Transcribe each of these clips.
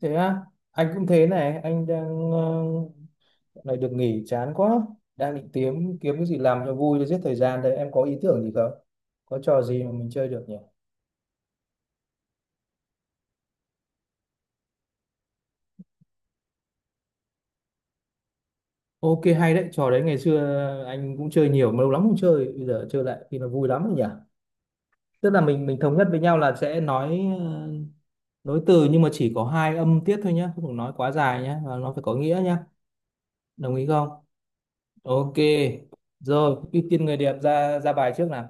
Thế á? Anh cũng thế này, anh đang dạo này được nghỉ chán quá, đang định kiếm kiếm cái gì làm cho vui để giết thời gian. Đấy, em có ý tưởng gì không, có trò gì mà mình chơi được nhỉ? Ok, hay đấy, trò đấy ngày xưa anh cũng chơi nhiều mà lâu lắm không chơi, bây giờ chơi lại thì nó vui lắm rồi nhỉ. Tức là mình thống nhất với nhau là sẽ nói nối từ, nhưng mà chỉ có hai âm tiết thôi nhá, không được nói quá dài nhá, và nó phải có nghĩa nhá. Đồng ý không? Ok, rồi, ưu tiên người đẹp ra ra bài trước nào.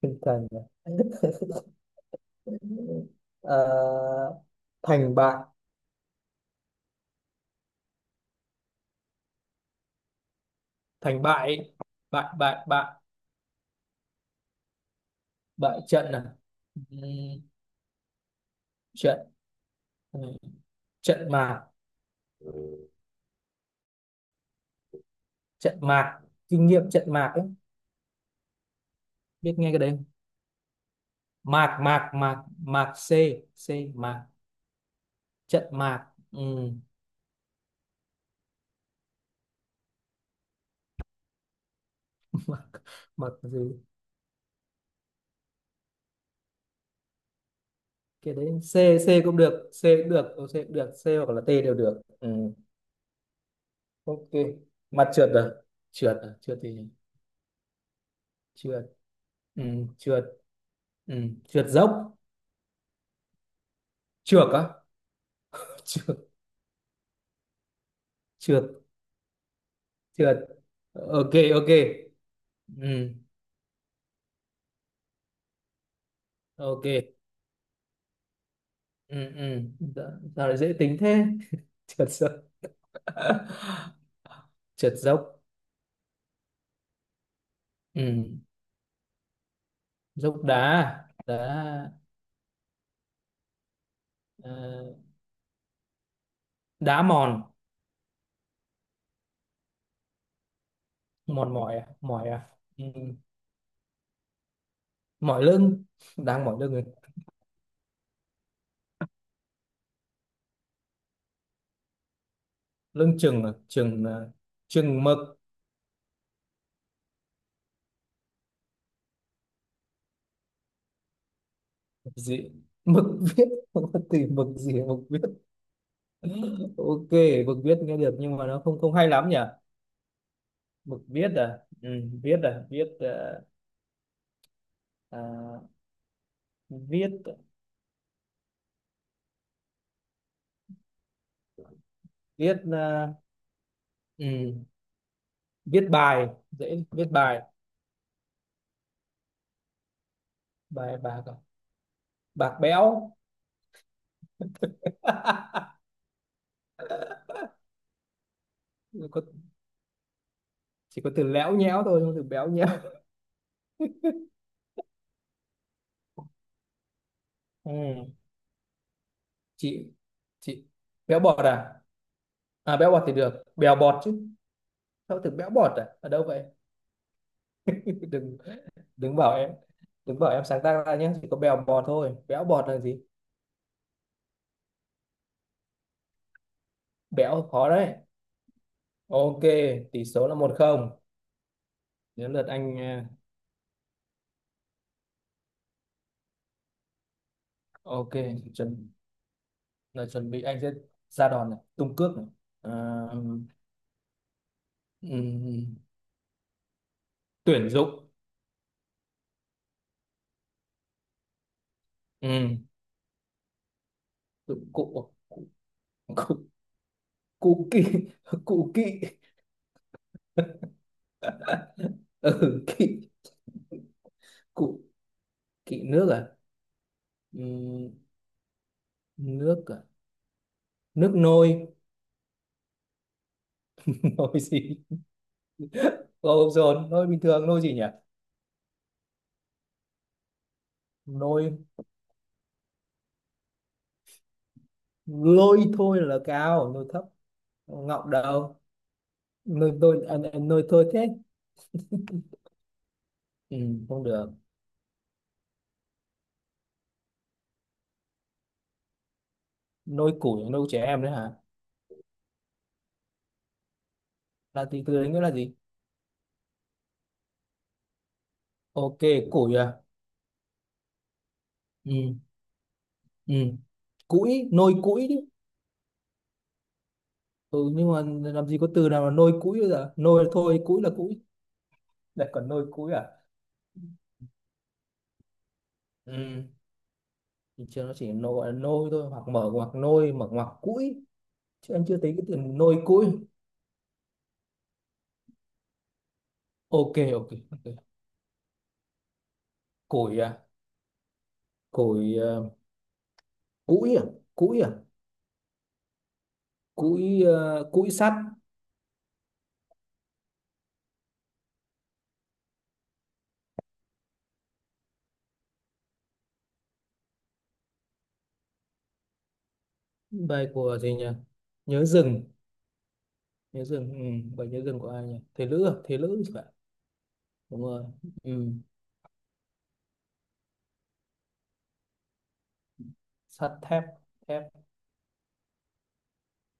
Tinh thần à? Ờ, thành bại. Thành Bại, bại, bại bại. Bại trận à? Ừm, trận. Ừ, trận mạc. Trận mạc. Kinh nghiệm trận mạc ấy. Biết nghe cái đấy không? Mạc, mạc, mạc, mạc c. C mạc. Trận mạc. Ừm. Mạc. Mạc gì. Cái đấy c. C cũng được, c cũng được, c cũng được, c hoặc là t đều được. Ok. Mặt trượt rồi. Trượt à, trượt thì trượt. Trượt. Trượt dốc. Trượt á. Trượt. Trượt. Trượt. Ok, ok. Ừ, ok. Ừ, ừ. Dạ, sao lại dễ tính thế. Trượt dốc. Trượt dốc. Ừ, dốc đá. Đá. Ờ, đá mòn. Mòn mỏi à? Mỏi à? Ừ. Mỏi lưng. Đang mỏi lưng rồi. Lưng chừng à? Chừng à, chừng mực. Gì? Mực viết. Không có từ mực gì mà mực viết. Ok, mực viết nghe được nhưng mà nó không không hay lắm nhỉ. Mực viết à. Ừ, viết à, viết à, viết. Viết ừ, viết bài, dễ, viết bài. Bài bạc à? Bạc béo. Có, chỉ có từ léo nhéo thôi, không có từ béo nhéo. Ừ. chị chị, béo bọt à? À béo bọt thì được, bèo bọt chứ. Sao từ béo bọt, à ở đâu vậy. Đừng, đừng bảo em, đừng bảo em sáng tác ra nhé, chỉ có bèo bọt thôi, béo bọt là gì. Béo khó đấy. Ok, tỷ số là 1-0. Đến lượt anh. Ờ, Ok, chuẩn, là chuẩn bị anh sẽ ra đòn này, tung cước này. À, ừm, tuyển dụng. Um, cụ cụ cụ cụ kỵ. Cụ kỵ. Ừ, kỵ. Cụ. Kỵ nước à? Ừm, nước à, nước nôi. Nôi gì. Ô dồn nôi bình thường, nôi gì nhỉ. Nôi. Lôi thôi là cao, nôi thấp, ngọng đầu. Nôi tôi à, nôi thôi thế. Không được. Nôi củi, nôi trẻ em đấy hả. Là từ từ đấy nghĩa là gì. Ok, củi à. Ừ, ừ, củi nôi, củi chứ. Ừ, nhưng mà làm gì có từ nào là nôi củi, bây giờ nôi là thôi, củi là củi. Lại còn nôi củi à. Ừ, thì chưa, nó chỉ nôi gọi là nôi thôi, hoặc mở ngoặc nôi mở ngoặc củi, chứ em chưa thấy cái từ nôi củi. Ok. Ok, ok. Củi à. Củi củi à. Củi à. Củi củi sắt. Bài của gì nhỉ. Nhớ rừng. Nhớ rừng. Ừ, bài nhớ rừng của ai nhỉ, Thế Lữ à, Thế Lữ thì phải. Đúng rồi. Ừ. Sắt thép. Thép.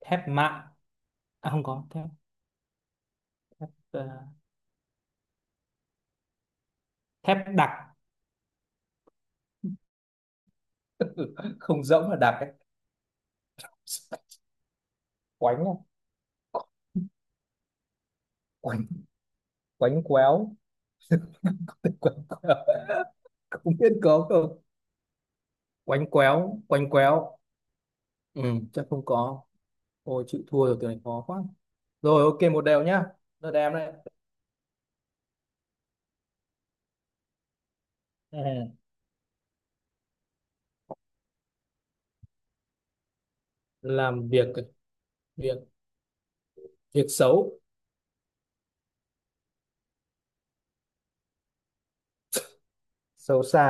Thép mạ. À, không có. Thép ờ, thép đặc. Không rỗng là đặc ấy. Quánh không? Quánh. Quánh quéo. Quánh quéo. Không biết có không. Quánh quéo. Quánh quéo. Ừ, chắc không có. Ôi chịu thua rồi, từ này khó quá. Rồi, ok, 1 đều nhá. Đợt em đấy. Ừ, làm việc. Việc. Việc xấu. Xấu xa.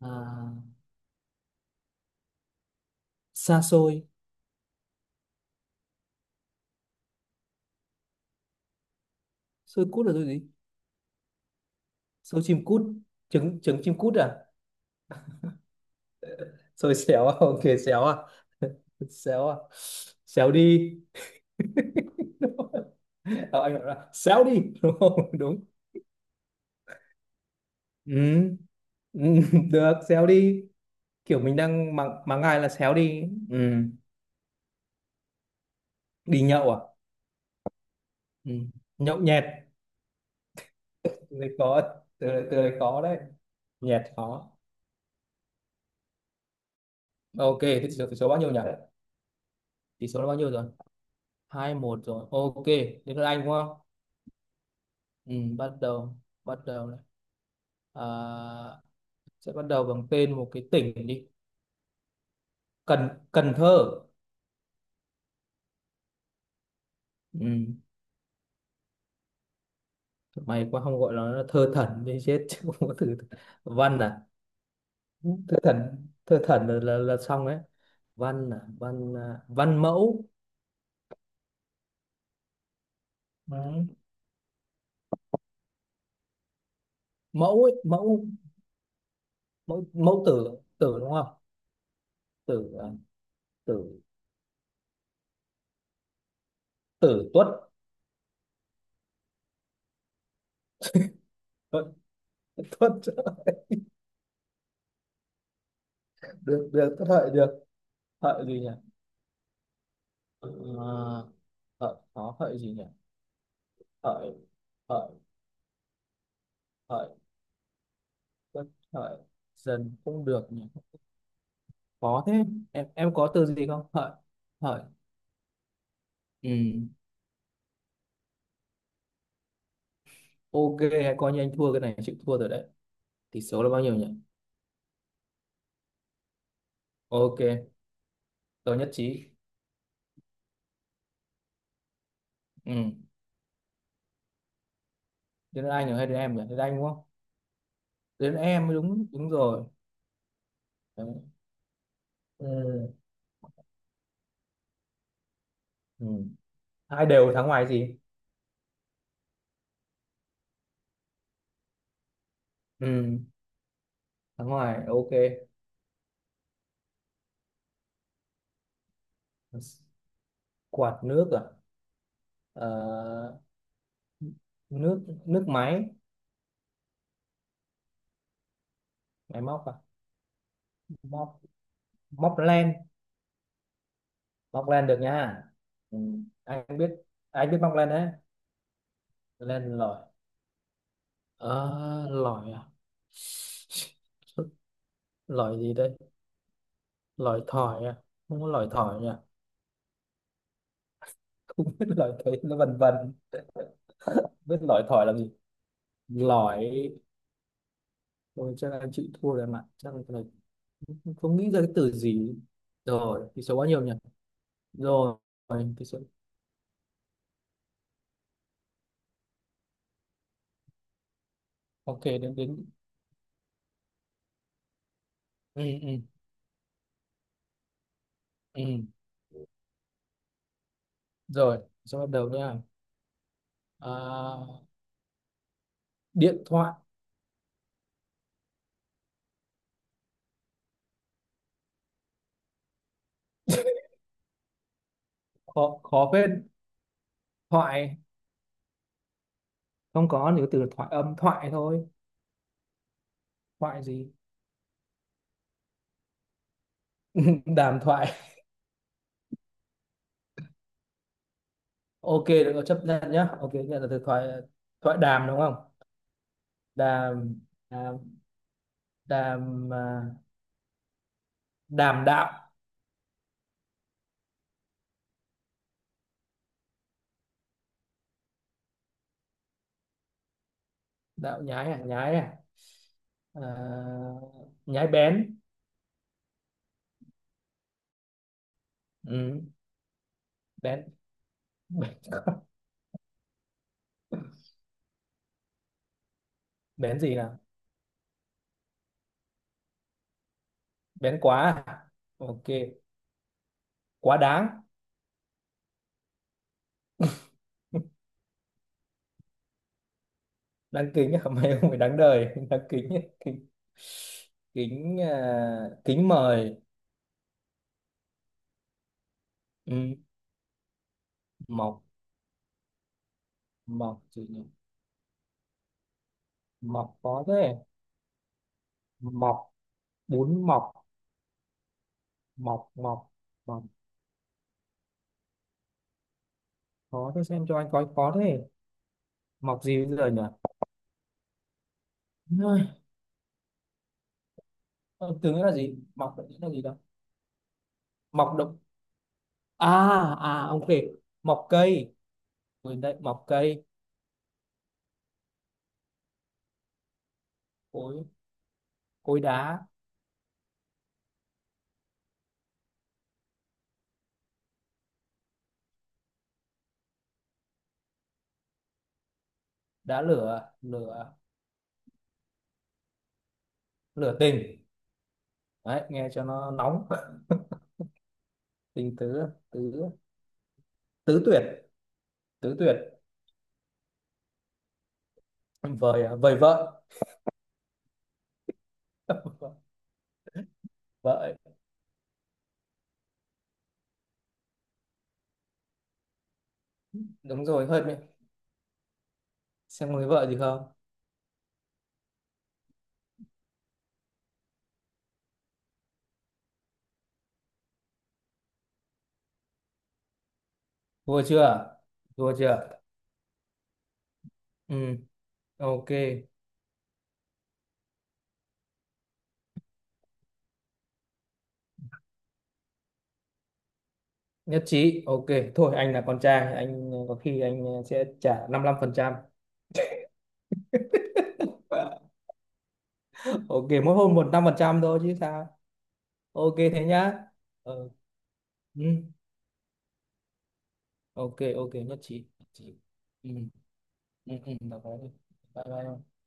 À, xa xôi. Xôi cút là xôi gì. Xôi chim cút. Trứng, trứng chim cút à. Xôi xéo à. Ok. Xéo à. Xéo à. Xéo đi. Ờ, anh bảo là xéo đi đúng không. Đúng. Ừ. Ừ, được, xéo đi. Kiểu mình đang mắng mắng ai là xéo đi. Ừ. Đi nhậu à. Ừ. Nhậu nhẹt. Từ đấy có. Từ đấy, từ đấy có đấy. Nhẹt khó. Ok, thế số, số bao nhiêu nhỉ. Tỷ số là bao nhiêu rồi. 2-1 rồi, ok. Đến lượt anh đúng không. Ừ, bắt đầu. Bắt đầu này. À, sẽ bắt đầu bằng tên một cái tỉnh đi. Cần, Cần Thơ. Ừ. Mày quá không, gọi nó là thơ thần đi chết chứ không có từ. Văn à. Thơ thần, thơ thần là, là xong đấy. Văn à, văn à, văn mẫu. Đấy. Mẫu ấy, mẫu. Mẫu, mẫu tử, tử đúng không. Tử à, tử. Tử tuất. Tuất. Tuất. Được, được, tuất hợi được. Hợi gì nhỉ. Ờ, hợi có hợi gì nhỉ. Hợi. Hợi. Hợi. Tuất. Hợi. Dần cũng được nhỉ. Khó thế. Em có từ gì không, hợi. Hợi. Ừ. Ok, hay coi như anh thua cái này, chịu thua rồi đấy. Tỷ số là bao nhiêu nhỉ. Ok, tôi nhất trí. Ừ. Đến anh rồi hay đến em nhỉ, đến anh đúng không. Đến em mới đúng, đúng rồi. Đấy. Ừ. Ừ. 2 đều, thắng ngoài gì. Ừ. Thắng ngoài, ok. Quạt nước à. Ờ, nước, nước máy. Máy móc à. Móc. Móc len. Móc len được nha. Ừ. Anh biết, anh biết móc len đấy. Len lỏi. Ờ, lỏi à. Lỏi gì đây. Lỏi thỏi à. Không có lỏi thỏi nhỉ. Không biết, lỏi thấy nó vần vần. Biết lỏi thỏi là gì. Lỏi. Ôi, chắc là anh chịu thua rồi, mà chắc là cái này không nghĩ ra cái từ gì. Rồi thì số bao nhiêu nhỉ. Rồi thì số. Ok, đến, đến. Ừ, ừ. Ừ. Rồi, số, bắt đầu nha. À, điện thoại. Khó, khó phết. Thoại, không có, những từ là thoại âm, thoại thôi. Thoại gì. Đàm thoại. Ok được rồi, chấp nhận nhá, ok nhận là từ thoại. Thoại đàm đúng không. Đàm. Đàm. Đàm à, đàm đạo. Đạo nhái à. Nhái à, à, nhái bén. Ừ, bén. Bén. Bén gì nào. Bén quá à? Ok, quá đáng. Đáng kính à. Mày không phải đáng đời. Đáng kính à? Kính. Kính à, kính mời. Ừ, mọc. Mọc gì nhỉ. Mọc có thế. Mọc. Bún mọc. Mọc. Mọc. Mọc. Khó thế, xem cho anh coi khó thế. Mọc gì bây giờ nhỉ. Ôi, ờ, từ nghĩa là gì, mọc định nghĩa là gì đâu. Mọc động. À. À ok. Mọc cây. Quên đấy, mọc cây. Cối. Cối đá. Đá lửa. Lửa. Lửa tình. Đấy nghe cho nó nóng. Tình tứ. Tứ. Tứ tuyệt. Tứ tuyệt. Vời à, vời vợ. Vợ. Đúng rồi, hơi mệt. Xem người vợ gì không. Thua chưa. Thua chưa. Ừ, ok. Nhất trí, ok. Thôi anh là con trai, anh có khi anh sẽ trả 55%. Ok, mỗi hôm một năm phần trăm thôi chứ sao. Ok thế nhá. Ừ. Ừ. Ok ok, nhất trí, nhất trí. Ừ. Ừ. Ừ. Được rồi. Bye bye.